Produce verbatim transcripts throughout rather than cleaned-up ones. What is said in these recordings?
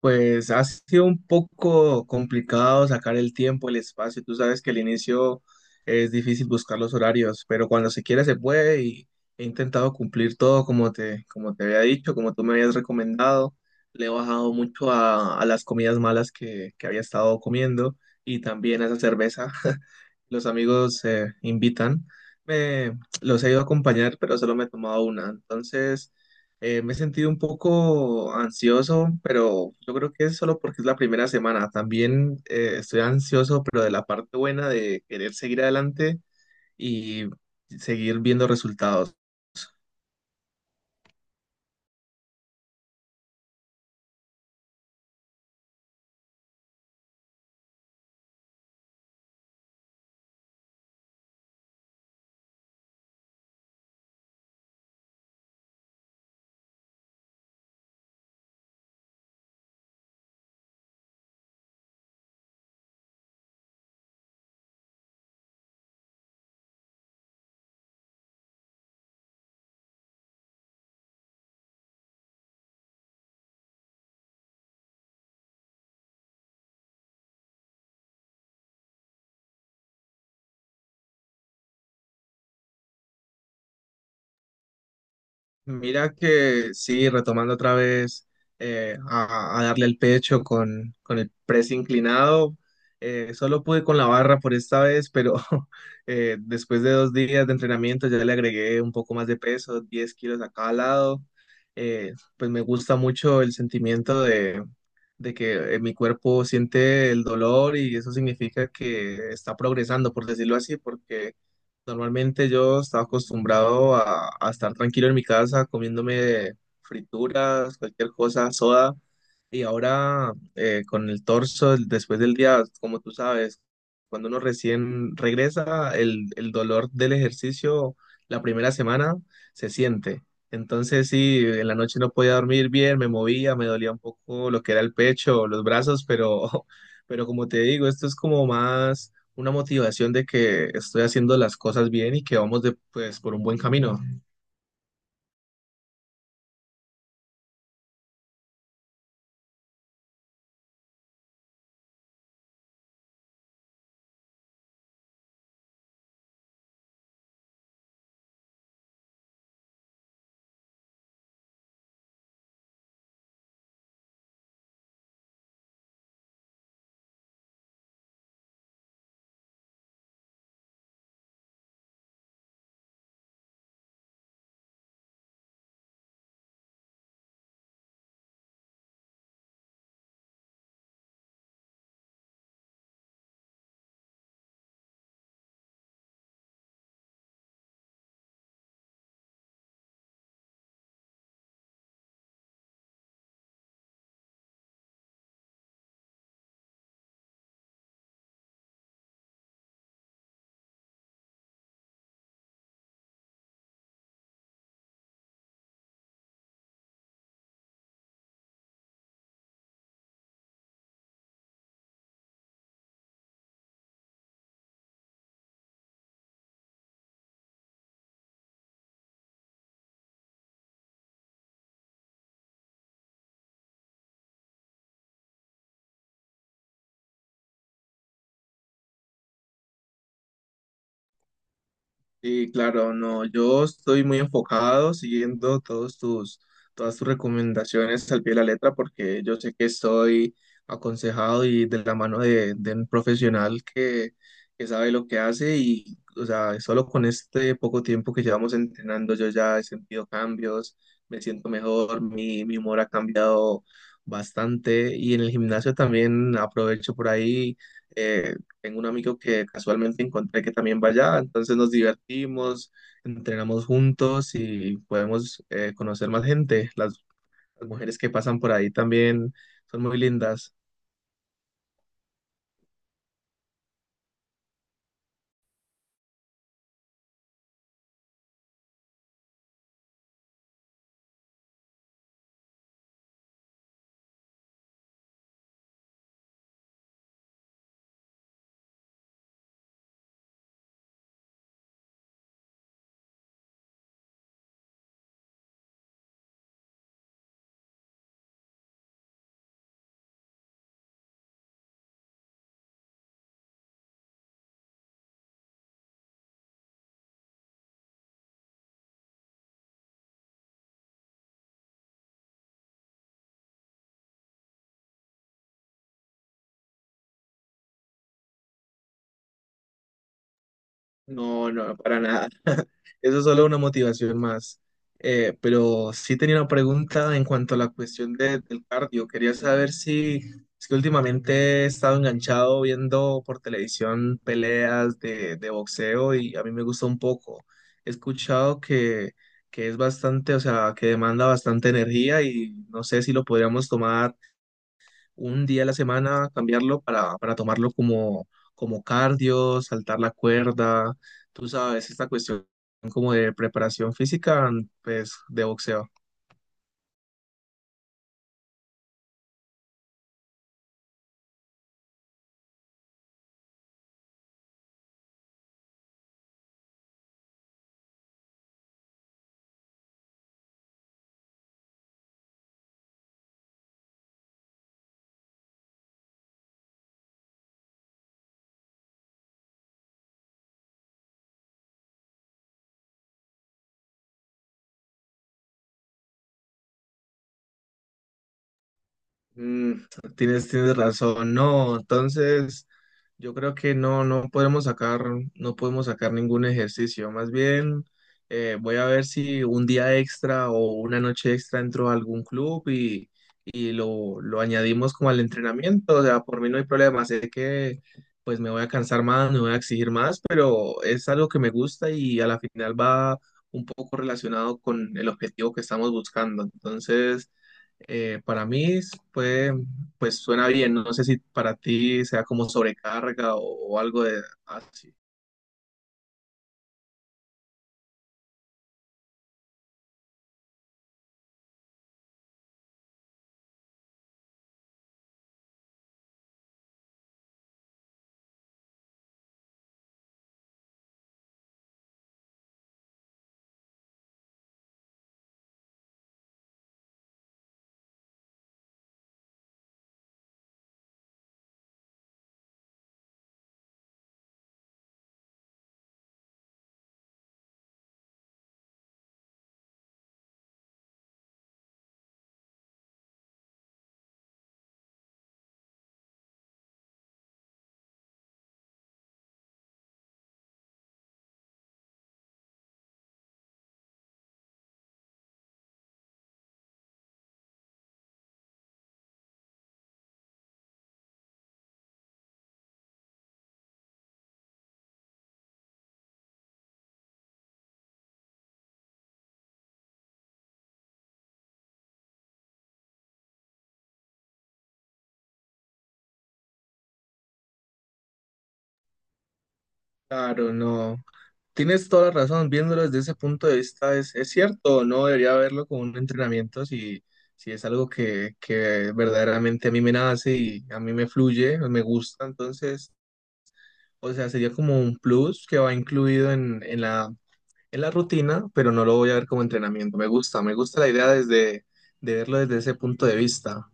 Pues ha sido un poco complicado sacar el tiempo, el espacio. Tú sabes que al inicio es difícil buscar los horarios, pero cuando se quiere se puede y he intentado cumplir todo como te, como te había dicho, como tú me habías recomendado. Le he bajado mucho a, a las comidas malas que, que había estado comiendo y también a esa cerveza. Los amigos eh, invitan. Me, los he ido a acompañar, pero solo me he tomado una. Entonces Eh, me he sentido un poco ansioso, pero yo creo que es solo porque es la primera semana. También eh, estoy ansioso, pero de la parte buena de querer seguir adelante y seguir viendo resultados. Mira que sí, retomando otra vez eh, a, a darle el pecho con, con el press inclinado, eh, solo pude con la barra por esta vez, pero eh, después de dos días de entrenamiento ya le agregué un poco más de peso, diez kilos a cada lado. Eh, pues me gusta mucho el sentimiento de, de que eh, mi cuerpo siente el dolor y eso significa que está progresando, por decirlo así. Porque normalmente yo estaba acostumbrado a, a estar tranquilo en mi casa comiéndome frituras, cualquier cosa, soda. Y ahora eh, con el torso, el- después del día, como tú sabes, cuando uno recién regresa, el, el dolor del ejercicio la primera semana se siente. Entonces sí, en la noche no podía dormir bien, me movía, me dolía un poco lo que era el pecho, los brazos, pero pero como te digo, esto es como más una motivación de que estoy haciendo las cosas bien y que vamos de, pues, por un buen camino. Sí, claro, no, yo estoy muy enfocado siguiendo todos tus, todas tus recomendaciones al pie de la letra, porque yo sé que estoy aconsejado y de la mano de, de un profesional que, que sabe lo que hace. Y, o sea, solo con este poco tiempo que llevamos entrenando yo ya he sentido cambios, me siento mejor, mi, mi humor ha cambiado bastante, y en el gimnasio también aprovecho por ahí. eh, Tengo un amigo que casualmente encontré que también va allá, entonces nos divertimos, entrenamos juntos y podemos eh, conocer más gente. Las, las mujeres que pasan por ahí también son muy lindas. No, no, para nada. Eso es solo una motivación más. Eh, pero sí tenía una pregunta en cuanto a la cuestión de- del cardio. Quería saber si es que últimamente he estado enganchado viendo por televisión peleas de, de boxeo y a mí me gusta un poco. He escuchado que, que es bastante, o sea, que demanda bastante energía, y no sé si lo podríamos tomar un día a la semana, cambiarlo para, para tomarlo como, como cardio, saltar la cuerda, tú sabes, esta cuestión como de preparación física, pues de boxeo. Mm, tienes, tienes razón. No, entonces yo creo que no, no podemos sacar, no podemos sacar ningún ejercicio. Más bien, eh, voy a ver si un día extra o una noche extra entro a algún club, y, y lo, lo añadimos como al entrenamiento. O sea, por mí no hay problema. Sé que pues me voy a cansar más, me voy a exigir más, pero es algo que me gusta y a la final va un poco relacionado con el objetivo que estamos buscando. Entonces Eh, para mí pues, pues suena bien, no sé si para ti sea como sobrecarga o, o algo de así. Claro, no. Tienes toda la razón, viéndolo desde ese punto de vista es, es cierto, no debería verlo como un entrenamiento si, si es algo que, que verdaderamente a mí me nace y a mí me fluye, me gusta. Entonces, o sea, sería como un plus que va incluido en, en la, en la rutina, pero no lo voy a ver como entrenamiento. Me gusta, me gusta la idea desde, de verlo desde ese punto de vista.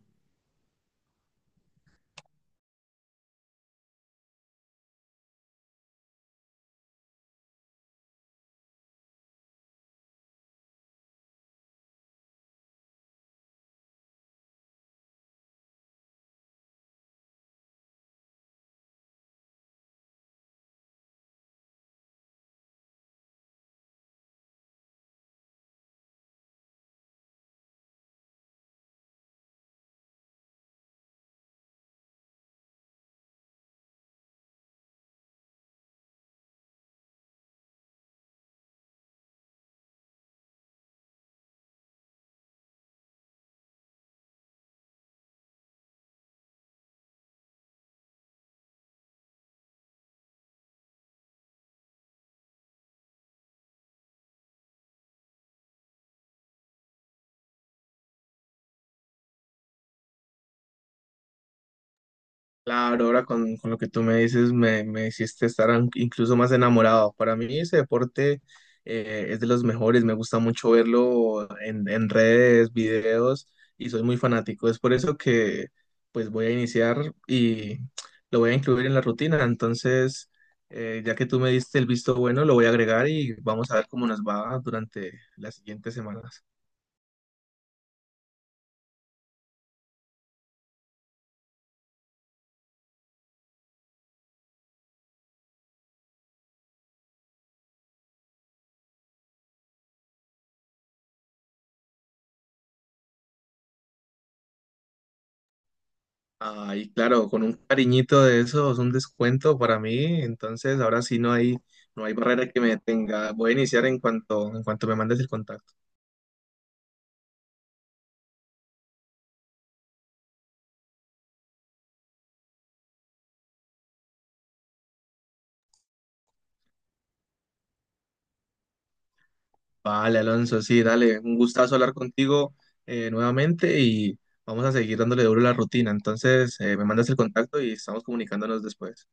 Claro, ahora con, con lo que tú me dices me, me hiciste estar an- incluso más enamorado. Para mí ese deporte eh, es de los mejores, me gusta mucho verlo en, en redes, videos, y soy muy fanático. Es por eso que pues voy a iniciar y lo voy a incluir en la rutina. Entonces, eh, ya que tú me diste el visto bueno, lo voy a agregar y vamos a ver cómo nos va durante las siguientes semanas. Ay, claro, con un cariñito de esos, un descuento para mí, entonces ahora sí no hay, no hay barrera que me detenga. Voy a iniciar en cuanto, en cuanto me mandes el contacto. Vale, Alonso, sí, dale, un gustazo hablar contigo eh, nuevamente, y vamos a seguir dándole duro a la rutina. Entonces, eh, me mandas el contacto y estamos comunicándonos después.